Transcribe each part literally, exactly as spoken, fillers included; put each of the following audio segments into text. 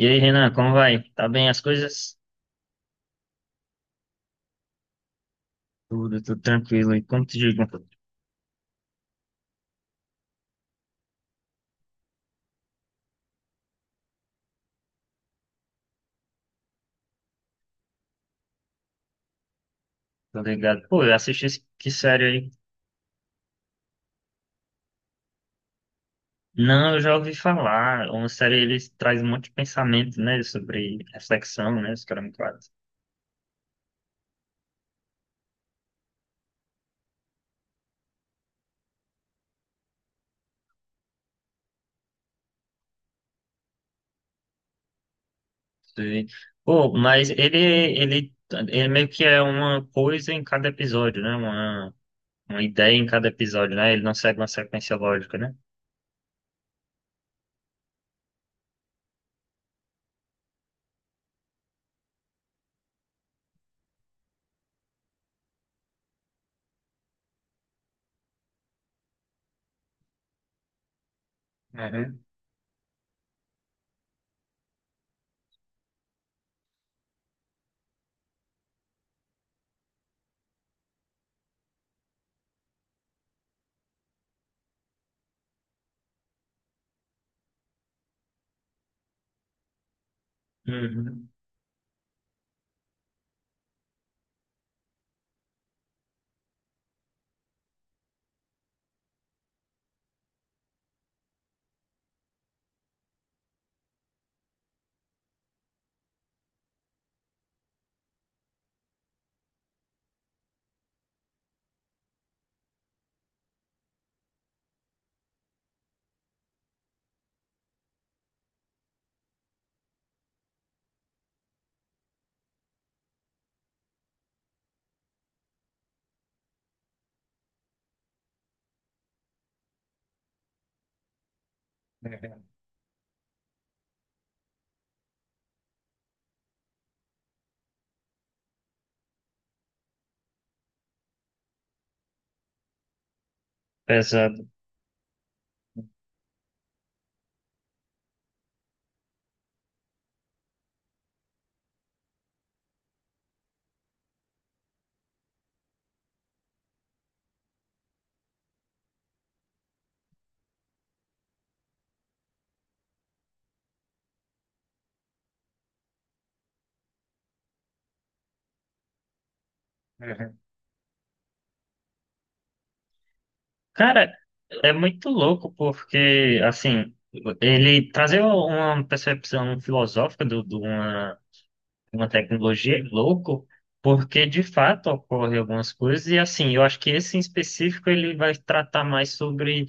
E aí, Renan, como vai? Tá bem as coisas? Tudo, tudo tranquilo. E como te digo, tá ligado? Pô, eu assisti esse- que série aí? Não, eu já ouvi falar. Uma série, ele traz um monte de pensamento, né? Sobre reflexão, né? Os caras me falam. Sim. Pô, mas ele, ele, ele meio que é uma coisa em cada episódio, né? Uma, uma ideia em cada episódio, né? Ele não segue uma sequência lógica, né? Uhum. Uhum. Uhum. Pesado. Cara, é muito louco porque, assim, ele trazer uma percepção filosófica do- de uma, uma tecnologia é louco, porque de fato ocorrem algumas coisas, e assim, eu acho que esse em específico ele vai tratar mais sobre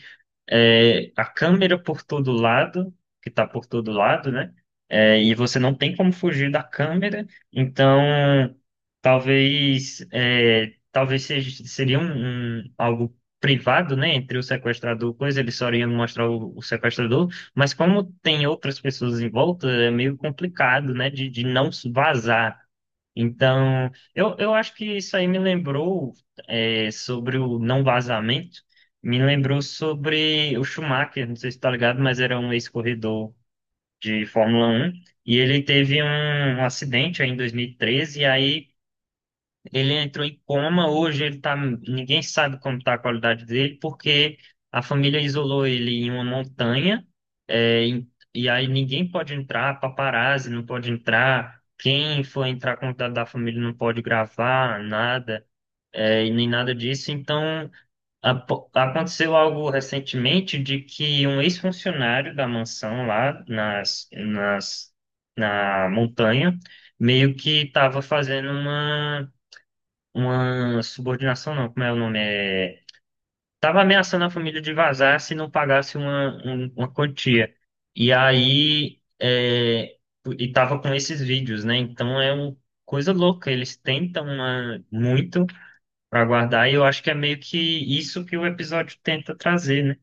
é, a câmera por todo lado, que está por todo lado, né? É, e você não tem como fugir da câmera, então talvez é, talvez seja, seria um, um- algo privado, né? Entre o sequestrador, coisa, ele só iria mostrar o, o sequestrador, mas como tem outras pessoas em volta, é meio complicado, né? De, de não vazar. Então, eu, eu acho que isso aí me lembrou é, sobre o não vazamento, me lembrou sobre o Schumacher, não sei se está ligado, mas era um ex-corredor de Fórmula Um e ele teve um, um acidente aí em dois mil e treze, e treze, e aí ele entrou em coma, hoje ele tá, ninguém sabe como está a qualidade dele, porque a família isolou ele em uma montanha, é, em- e, aí ninguém pode entrar, paparazzi não pode entrar, quem for entrar com o contato da família não pode gravar, nada, é, e nem nada disso. Então, apo- aconteceu algo recentemente de que um ex-funcionário da mansão lá nas, nas, na montanha meio que estava fazendo uma uma subordinação, não, como é o nome? É... Tava ameaçando a família de vazar se não pagasse uma, um- uma quantia. E aí, é... e tava com esses vídeos, né? Então é uma coisa louca. Eles tentam uma... muito para guardar, e eu acho que é meio que isso que o episódio tenta trazer, né?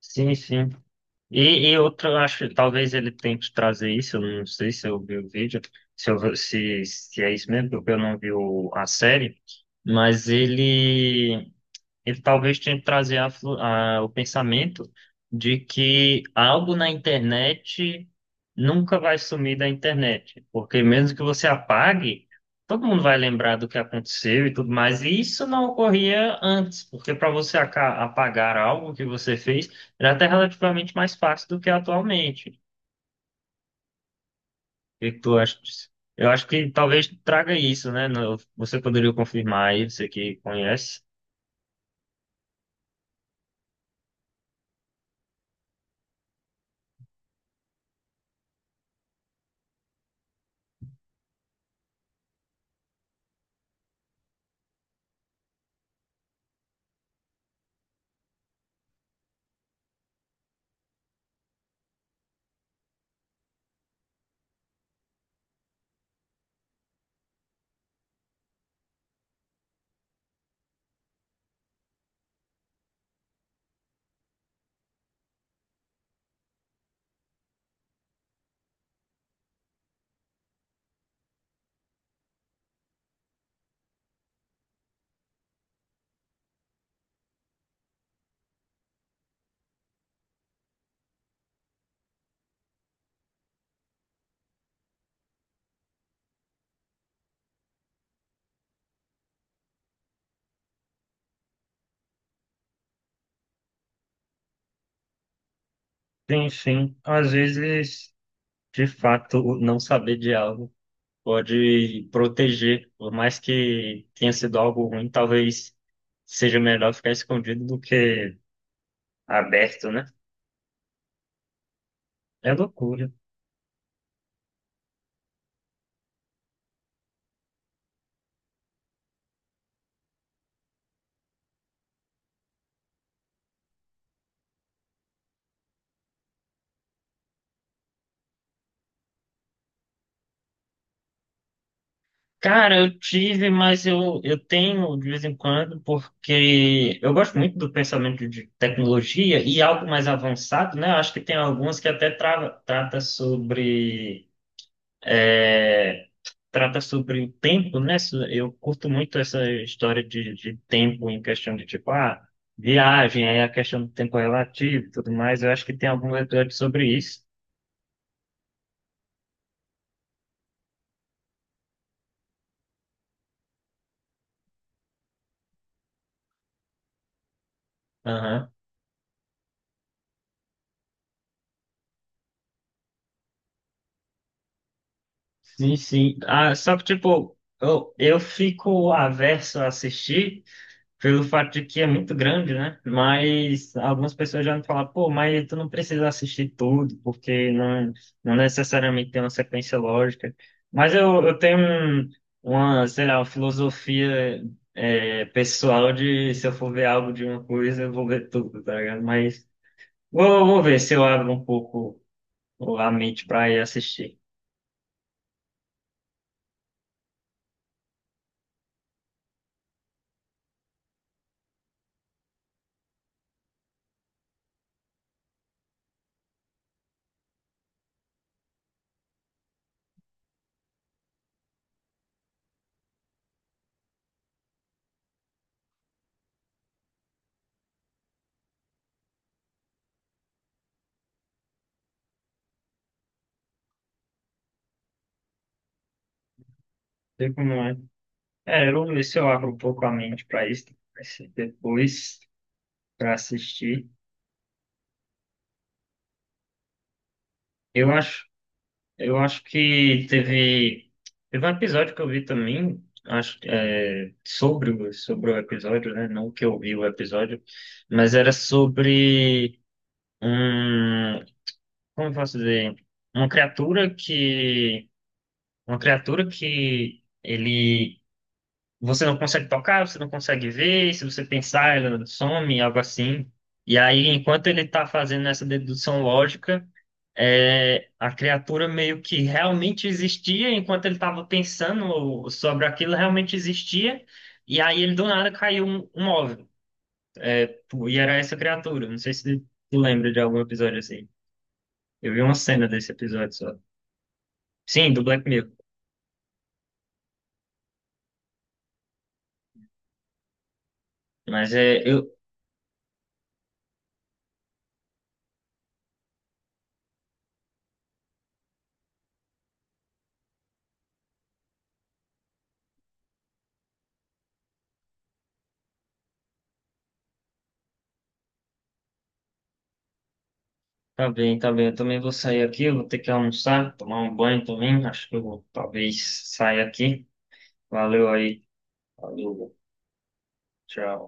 Sim, sim. E, e outro, eu acho que talvez ele tente trazer isso, eu não sei se eu vi o vídeo, se, eu- se, se é isso mesmo, porque eu não vi o- a série, mas ele ele talvez tenha que trazer a flu- a- o pensamento de que algo na internet nunca vai sumir da internet, porque mesmo que você apague, todo mundo vai lembrar do que aconteceu e tudo mais, e isso não ocorria antes, porque para você aca- apagar algo que você fez era até relativamente mais fácil do que atualmente. O que que tu acha disso? Eu acho que talvez traga isso, né? No- Você poderia confirmar aí, você que conhece. Sim, sim. Às vezes. De fato, o não saber de algo pode proteger, por mais que tenha sido algo ruim, talvez seja melhor ficar escondido do que aberto, né? É loucura. Cara, eu tive, mas eu, eu tenho de vez em quando, porque eu gosto muito do pensamento de tecnologia e algo mais avançado, né? Eu acho que tem algumas que até tra trata sobre é, trata sobre o tempo, né? So- Eu curto muito essa história de, de tempo em questão de tipo, ah, viagem, aí a questão do tempo relativo e tudo mais. Eu acho que tem algum episódio sobre isso. Aham. Sim, sim. Ah, só que, tipo, eu, eu fico averso a assistir. Pelo fato de que é muito grande, né? Mas algumas pessoas já me falam, pô, mas tu não precisa assistir tudo, porque não, não necessariamente tem uma sequência lógica. Mas eu, eu tenho um- uma, sei lá, uma filosofia é, pessoal de se eu for ver algo de uma coisa, eu vou ver tudo, tá ligado? Mas vou, vou ver se eu abro um pouco a mente para ir assistir. Sei como é. É, eu vou ver se eu abro um pouco a mente para isso, pra esse- depois para assistir. Eu acho Eu acho que teve, teve um episódio que eu vi também, acho, que, é, sobre, o- sobre o episódio, né? Não que eu vi o episódio, mas era sobre um, como eu posso dizer, uma criatura que, uma criatura que ele, você não consegue tocar, você não consegue ver, e se você pensar, ela some, algo assim. E aí, enquanto ele está fazendo essa dedução lógica é, a criatura meio que realmente existia, enquanto ele estava pensando sobre aquilo, realmente existia, e aí ele do nada caiu um, um óvulo. Pô, e era essa criatura. Não sei se tu lembra de algum episódio assim. Eu vi uma cena desse episódio só. Sim, do Black Mirror. Mas é, eu. Tá bem, tá bem. Eu também vou sair aqui, eu vou ter que almoçar, tomar um banho também. Acho que eu vou, talvez, sair aqui. Valeu aí. Valeu, tchau.